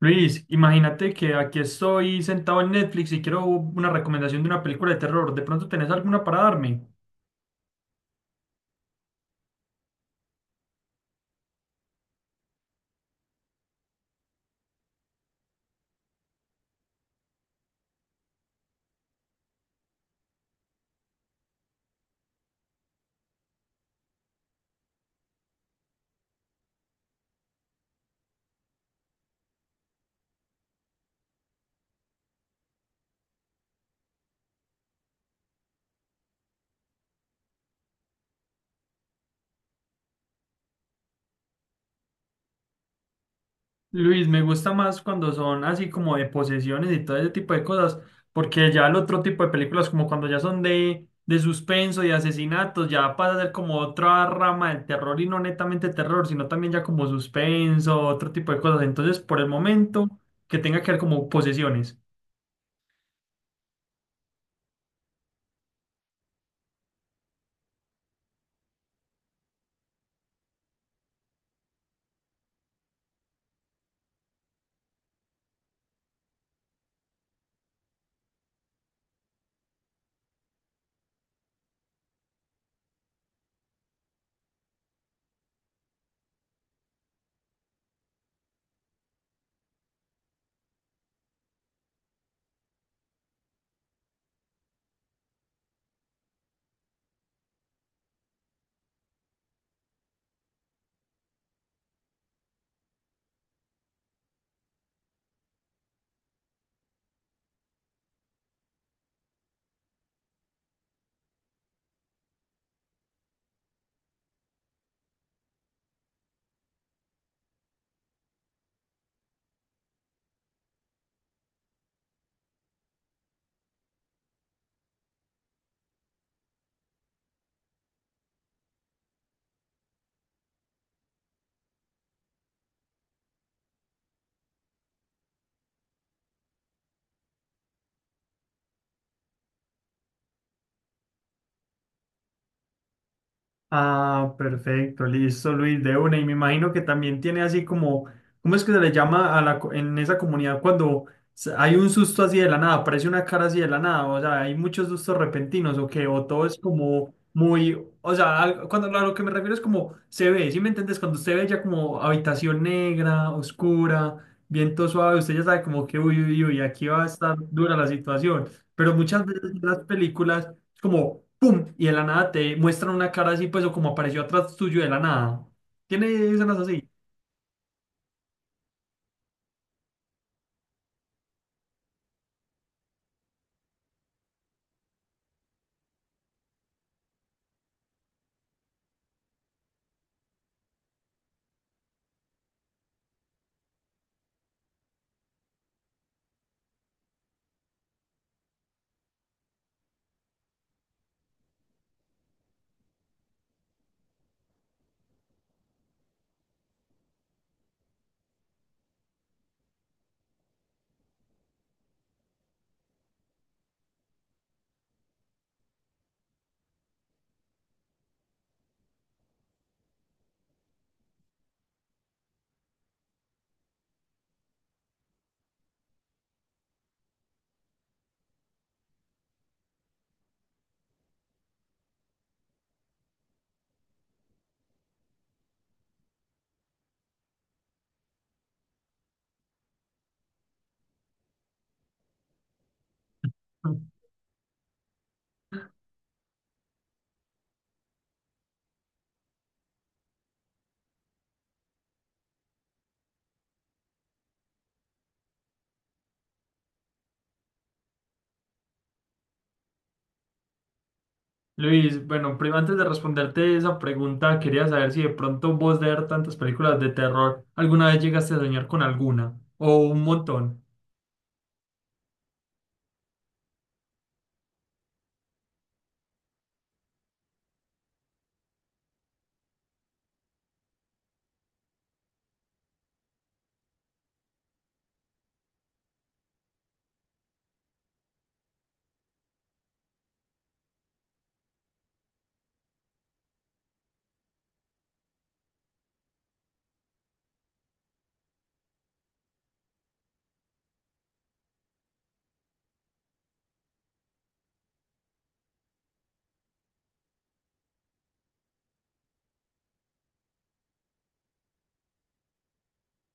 Luis, imagínate que aquí estoy sentado en Netflix y quiero una recomendación de una película de terror. ¿De pronto tenés alguna para darme? Luis, me gusta más cuando son así como de posesiones y todo ese tipo de cosas, porque ya el otro tipo de películas, como cuando ya son de suspenso y asesinatos, ya pasa a ser como otra rama del terror y no netamente terror, sino también ya como suspenso, otro tipo de cosas. Entonces, por el momento, que tenga que ver como posesiones. Ah, perfecto, listo, Luis, de una. Y me imagino que también tiene así como ¿cómo es que se le llama a la, co- en esa comunidad cuando s- hay un susto así de la nada, aparece una cara así de la nada? O sea, ¿hay muchos sustos repentinos o qué, o todo es como muy, o sea, al- cuando a lo que me refiero es como se ve, sí me entiendes? Cuando usted ve ya como habitación negra, oscura, viento suave, usted ya sabe como que uy, uy, uy, aquí va a estar dura la situación. Pero muchas veces en las películas... es como ¡pum! Y de la nada te muestran una cara así, pues, o como apareció atrás tuyo de la nada. ¿Tiene escenas así? Luis, bueno, primero antes de responderte esa pregunta, quería saber si de pronto vos de ver tantas películas de terror, ¿alguna vez llegaste a soñar con alguna? ¿O un montón?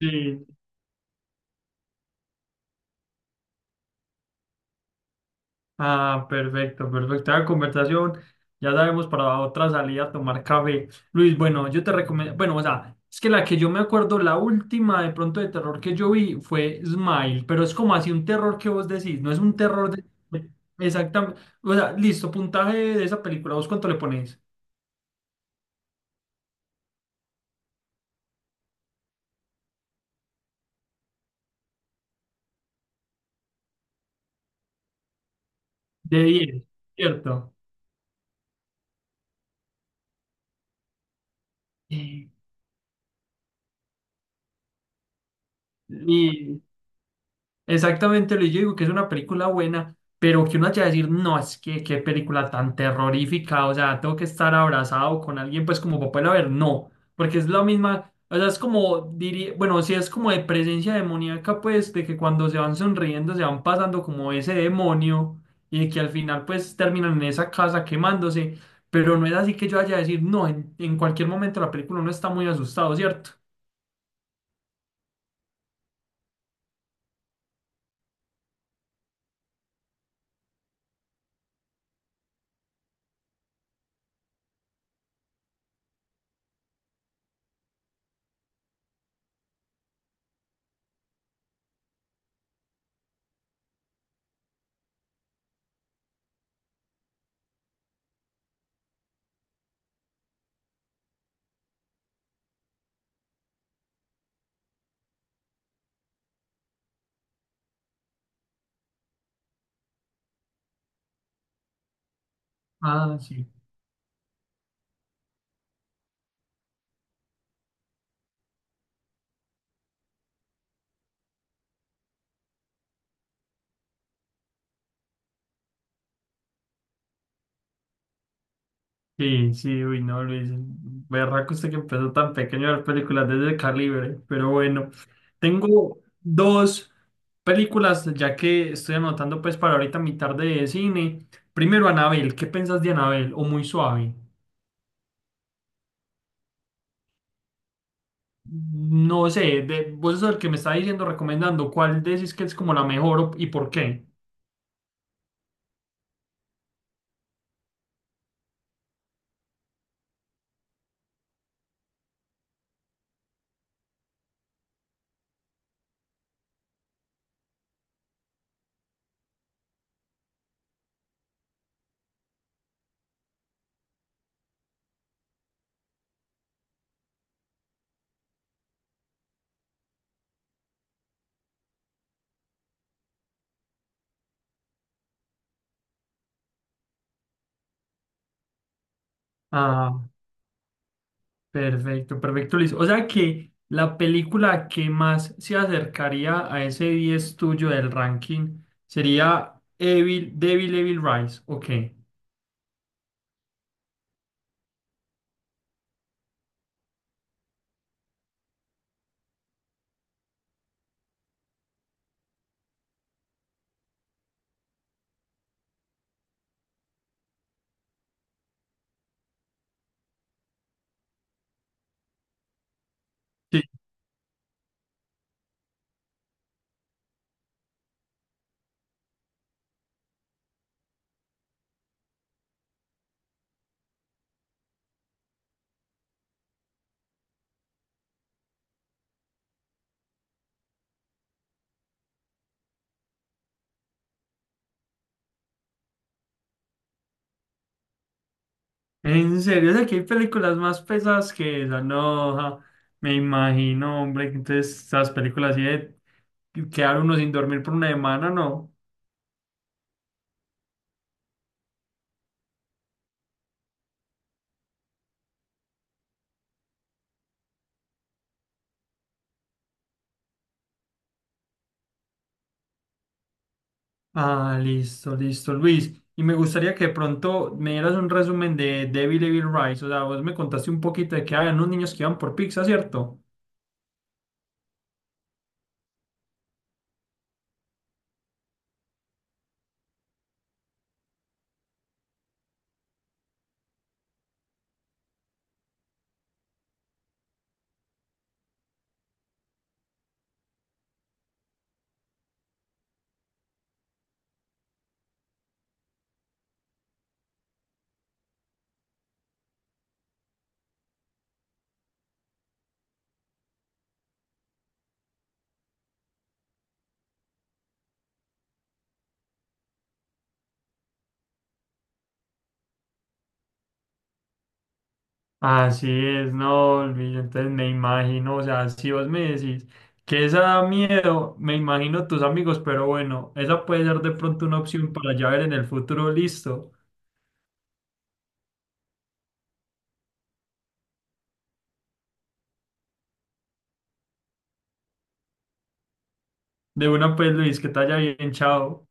Sí. Ah, perfecto, perfecto. La conversación, ya sabemos para otra salida a tomar café. Luis, bueno, yo te recomiendo, bueno, o sea, es que la que yo me acuerdo, la última de pronto de terror que yo vi fue Smile, pero es como así un terror que vos decís, no es un terror de- exactamente. O sea, listo, puntaje de esa película, ¿vos cuánto le pones? De 10, ¿cierto? Y exactamente, Luis, yo digo que es una película buena, pero que uno haya de decir, no, es que qué película tan terrorífica, o sea, tengo que estar abrazado con alguien, pues como para poderla ver, no, porque es la misma, o sea, es como, diría, bueno, si es como de presencia demoníaca, pues, de que cuando se van sonriendo, se van pasando como ese demonio, y de que al final, pues, terminan en esa casa quemándose, pero no es así que yo haya de decir, no, en cualquier momento la película uno está muy asustado, ¿cierto? Ah, sí. Sí, sí, uy, no, Luis. Berraco usted que empezó tan pequeño a ver películas desde calibre. Pero bueno, tengo dos películas, ya que estoy anotando pues para ahorita mi tarde de cine. Primero, Anabel, ¿qué pensás de Anabel? O muy suave. No sé, de, vos sos el que me está diciendo, recomendando, ¿cuál decís que es como la mejor o- y por qué? Perfecto, perfecto, Luis. O sea que la película que más se acercaría a ese 10 tuyo del ranking sería Evil, Devil Evil Rise. Ok. Sí. En serio, o sea que hay películas más pesadas que esa. No, ja, me imagino, hombre, que entonces, esas películas así de quedar uno sin dormir por una semana, no. Ah, listo, listo, Luis. Y me gustaría que de pronto me dieras un resumen de Devil Evil Rise. O sea, vos me contaste un poquito de que había unos niños que iban por pizza, ¿cierto? Así es, no, Luis. Entonces me imagino, o sea, si vos me decís que esa da miedo, me imagino tus amigos, pero bueno, esa puede ser de pronto una opción para ya ver en el futuro, listo. De una, pues, Luis, que te haya bien, chao.